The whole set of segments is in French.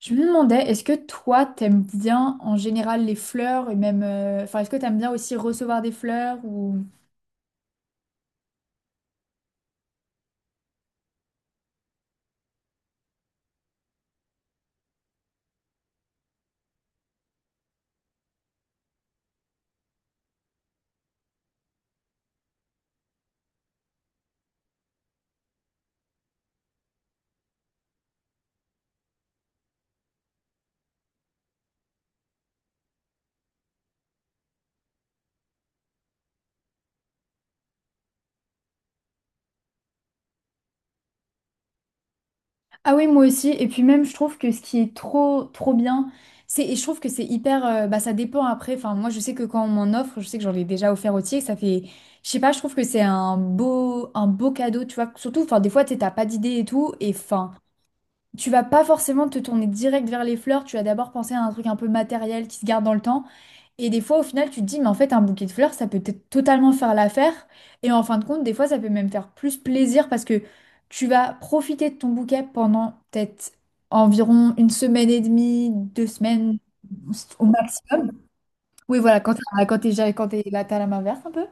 Je me demandais, est-ce que toi, t'aimes bien en général les fleurs et même, enfin, est-ce que t'aimes bien aussi recevoir des fleurs ou. Ah oui, moi aussi. Et puis même, je trouve que ce qui est trop, trop bien, c'est, et je trouve que c'est hyper, bah, ça dépend après. Enfin, moi, je sais que quand on m'en offre, je sais que j'en ai déjà offert aussi, et que ça fait, je sais pas, je trouve que c'est un beau cadeau, tu vois. Surtout, enfin, des fois, t'as pas d'idée et tout, et enfin. Tu vas pas forcément te tourner direct vers les fleurs, tu vas d'abord penser à un truc un peu matériel qui se garde dans le temps. Et des fois, au final, tu te dis, mais en fait, un bouquet de fleurs, ça peut peut-être totalement faire l'affaire. Et en fin de compte, des fois, ça peut même faire plus plaisir parce que tu vas profiter de ton bouquet pendant peut-être environ une semaine et demie, 2 semaines au maximum. Oui, voilà, quand t'es là, t'as la main verte un peu.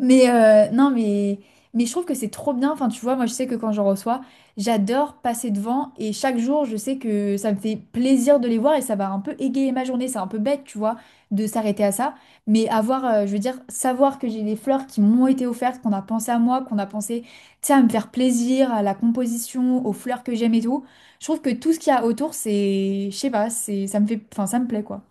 Mais non, mais, je trouve que c'est trop bien. Enfin, tu vois, moi, je sais que quand j'en reçois, j'adore passer devant. Et chaque jour, je sais que ça me fait plaisir de les voir et ça va un peu égayer ma journée. C'est un peu bête, tu vois, de s'arrêter à ça. Mais avoir, je veux dire, savoir que j'ai des fleurs qui m'ont été offertes, qu'on a pensé à moi, qu'on a pensé, tu sais, à me faire plaisir, à la composition, aux fleurs que j'aime et tout. Je trouve que tout ce qu'il y a autour, c'est, je sais pas, c'est, ça me fait, enfin, ça me plaît, quoi.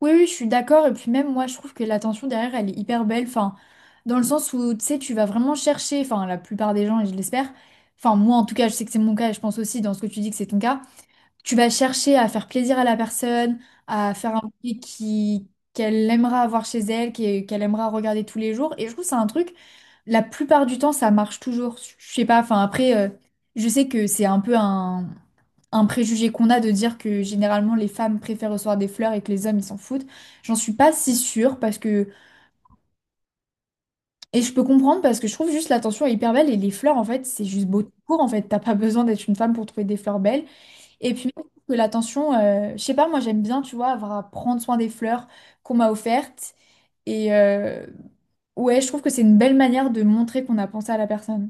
Oui, oui, je suis d'accord. Et puis même moi, je trouve que l'attention derrière, elle est hyper belle. Enfin, dans le sens où, tu sais, tu vas vraiment chercher, enfin, la plupart des gens, et je l'espère, enfin, moi en tout cas, je sais que c'est mon cas, et je pense aussi dans ce que tu dis que c'est ton cas, tu vas chercher à faire plaisir à la personne, à faire un truc qui, qu'elle aimera avoir chez elle, qui- qu'elle aimera regarder tous les jours. Et je trouve que c'est un truc, la plupart du temps, ça marche toujours. Je sais pas, enfin, après, je sais que c'est un peu un préjugé qu'on a de dire que généralement les femmes préfèrent recevoir des fleurs et que les hommes ils s'en foutent. J'en suis pas si sûre parce que et je peux comprendre parce que je trouve juste l'attention est hyper belle et les fleurs en fait c'est juste beau tout court en fait t'as pas besoin d'être une femme pour trouver des fleurs belles et puis même que l'attention je sais pas moi j'aime bien tu vois avoir à prendre soin des fleurs qu'on m'a offertes et ouais je trouve que c'est une belle manière de montrer qu'on a pensé à la personne.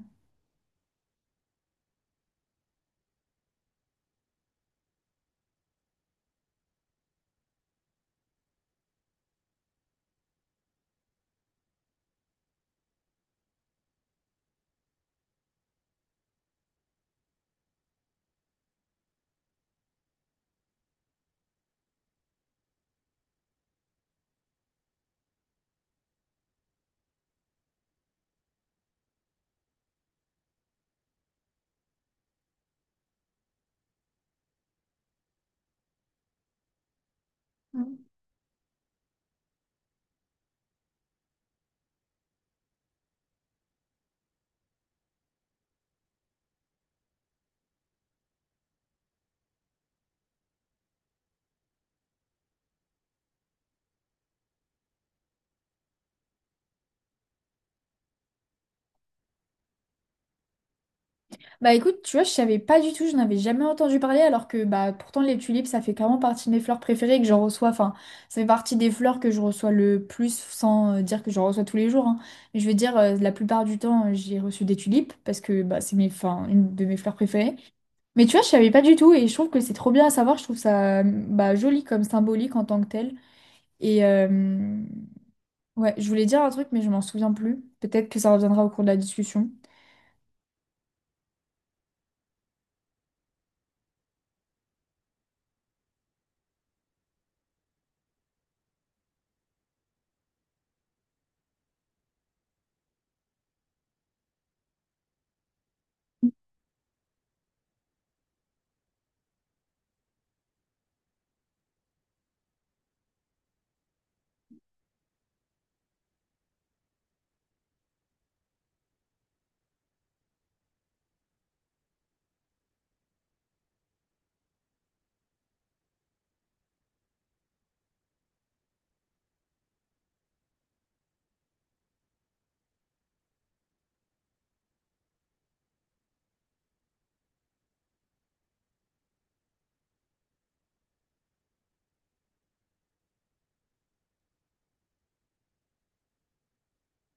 Bah écoute, tu vois, je savais pas du tout, je n'avais jamais entendu parler, alors que bah pourtant les tulipes, ça fait clairement partie de mes fleurs préférées et que j'en reçois, enfin, ça fait partie des fleurs que je reçois le plus, sans dire que j'en reçois tous les jours, hein. Mais je veux dire, la plupart du temps, j'ai reçu des tulipes, parce que bah c'est mes, enfin, une de mes fleurs préférées. Mais tu vois, je savais pas du tout, et je trouve que c'est trop bien à savoir, je trouve ça bah, joli comme symbolique en tant que tel. Et ouais, je voulais dire un truc, mais je m'en souviens plus. Peut-être que ça reviendra au cours de la discussion.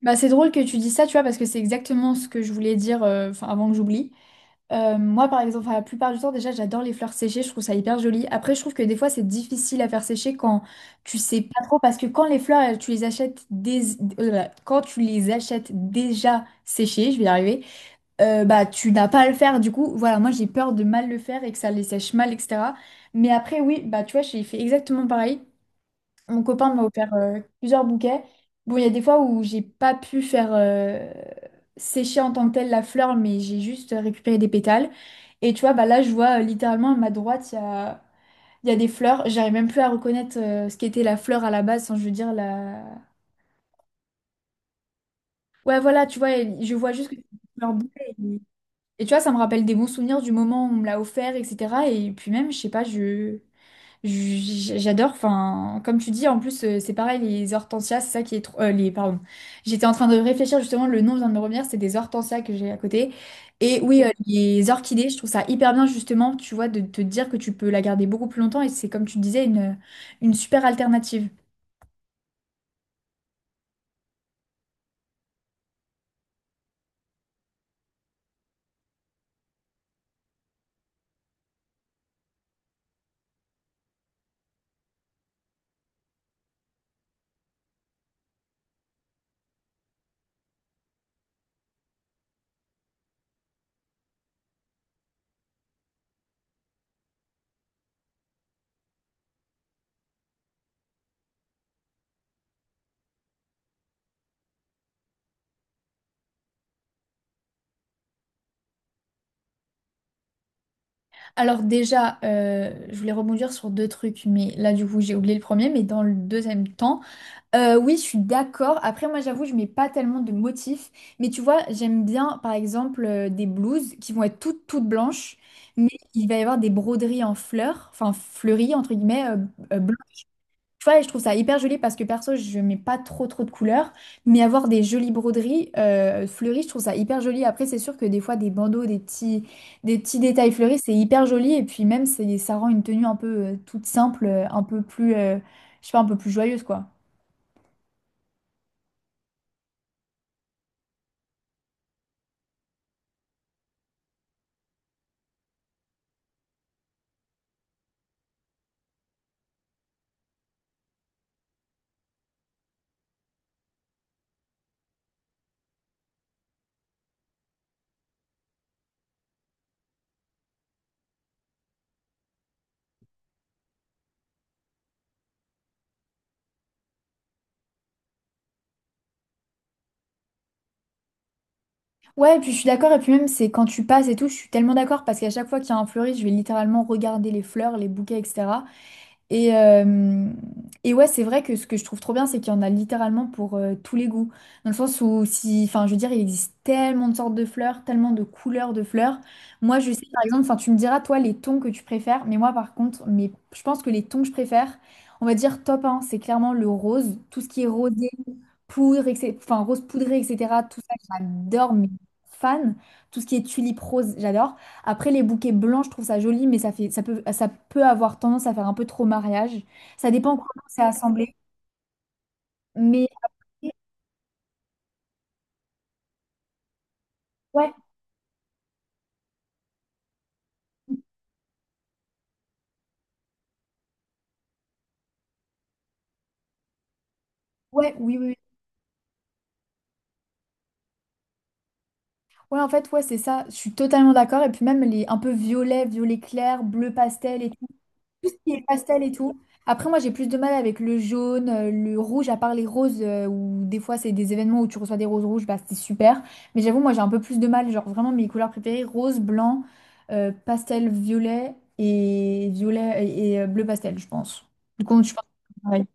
Bah, c'est drôle que tu dis ça, tu vois, parce que c'est exactement ce que je voulais dire enfin, avant que j'oublie. Moi, par exemple, enfin, la plupart du temps, déjà, j'adore les fleurs séchées, je trouve ça hyper joli. Après, je trouve que des fois, c'est difficile à faire sécher quand tu sais pas trop, parce que quand les fleurs, elles, tu les achètes là, quand tu les achètes déjà séchées, je vais y arriver, bah, tu n'as pas à le faire. Du coup, voilà, moi, j'ai peur de mal le faire et que ça les sèche mal, etc. Mais après, oui, bah, tu vois, j'ai fait exactement pareil. Mon copain m'a offert plusieurs bouquets. Bon, il y a des fois où j'ai pas pu faire sécher en tant que telle la fleur, mais j'ai juste récupéré des pétales. Et tu vois, bah là, je vois littéralement à ma droite, il y a des fleurs. J'arrive même plus à reconnaître ce qu'était la fleur à la base, sans je veux dire la. Ouais, voilà, tu vois, elle- je vois juste que c'est une fleur bouquet. Et tu vois, ça me rappelle des bons souvenirs du moment où on me l'a offert, etc. Et puis même, je sais pas, je. J'adore, enfin, comme tu dis, en plus, c'est pareil, les hortensias, c'est ça qui est trop. Pardon. J'étais en train de réfléchir justement, le nom vient de me revenir, c'est des hortensias que j'ai à côté. Et oui, les orchidées, je trouve ça hyper bien justement, tu vois, de te dire que tu peux la garder beaucoup plus longtemps et c'est comme tu disais, une super alternative. Alors, déjà, je voulais rebondir sur deux trucs, mais là, du coup, j'ai oublié le premier, mais dans le deuxième temps. Oui, je suis d'accord. Après, moi, j'avoue, je mets pas tellement de motifs. Mais tu vois, j'aime bien, par exemple, des blouses qui vont être toutes, toutes blanches, mais il va y avoir des broderies en fleurs, enfin fleuries, entre guillemets, blanches. Tu vois, et je trouve ça hyper joli parce que perso, je mets pas trop, trop de couleurs. Mais avoir des jolies broderies fleuries, je trouve ça hyper joli. Après, c'est sûr que des fois, des bandeaux, des petits détails fleuris, c'est hyper joli. Et puis même, c'est- ça rend une tenue un peu toute simple, un peu plus, je sais pas, un peu plus joyeuse, quoi. Ouais, et puis je suis d'accord, et puis même c'est quand tu passes et tout, je suis tellement d'accord parce qu'à chaque fois qu'il y a un fleuriste, je vais littéralement regarder les fleurs, les bouquets, etc. Et, euh, et ouais, c'est vrai que ce que je trouve trop bien, c'est qu'il y en a littéralement pour tous les goûts. Dans le sens où, si, enfin, je veux dire, il existe tellement de sortes de fleurs, tellement de couleurs de fleurs. Moi, je sais, par exemple, enfin, tu me diras, toi, les tons que tu préfères. Mais moi, par contre, mais je pense que les tons que je préfère, on va dire top 1, c'est clairement le rose. Tout ce qui est rosé, poudre, etc., enfin, rose poudrée, etc., tout ça, j'adore, mais fan. Tout ce qui est tulipe rose, j'adore. Après, les bouquets blancs, je trouve ça joli, mais ça fait, ça peut avoir tendance à faire un peu trop mariage. Ça dépend comment c'est assemblé. Mais ouais, ouais, oui, oui. Oui. Ouais, en fait, ouais, c'est ça. Je suis totalement d'accord. Et puis même les un peu violet, violet clair, bleu pastel et tout ce qui est pastel et tout. Après, moi, j'ai plus de mal avec le jaune, le rouge, à part les roses, où des fois, c'est des événements où tu reçois des roses rouges, bah, c'est super. Mais j'avoue, moi, j'ai un peu plus de mal. Genre, vraiment, mes couleurs préférées, rose, blanc, pastel, violet et violet et, bleu pastel, je pense. Du coup, je pense que c'est pareil.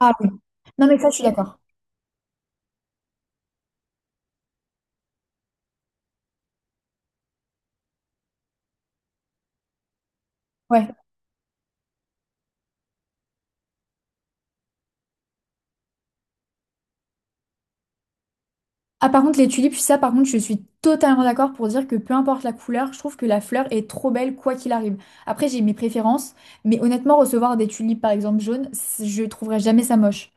Ah oui. Non, mais ça, je suis d'accord. Ouais. Ah par contre les tulipes, ça par contre je suis totalement d'accord pour dire que peu importe la couleur, je trouve que la fleur est trop belle quoi qu'il arrive. Après j'ai mes préférences, mais honnêtement recevoir des tulipes par exemple jaunes, je trouverais jamais ça moche.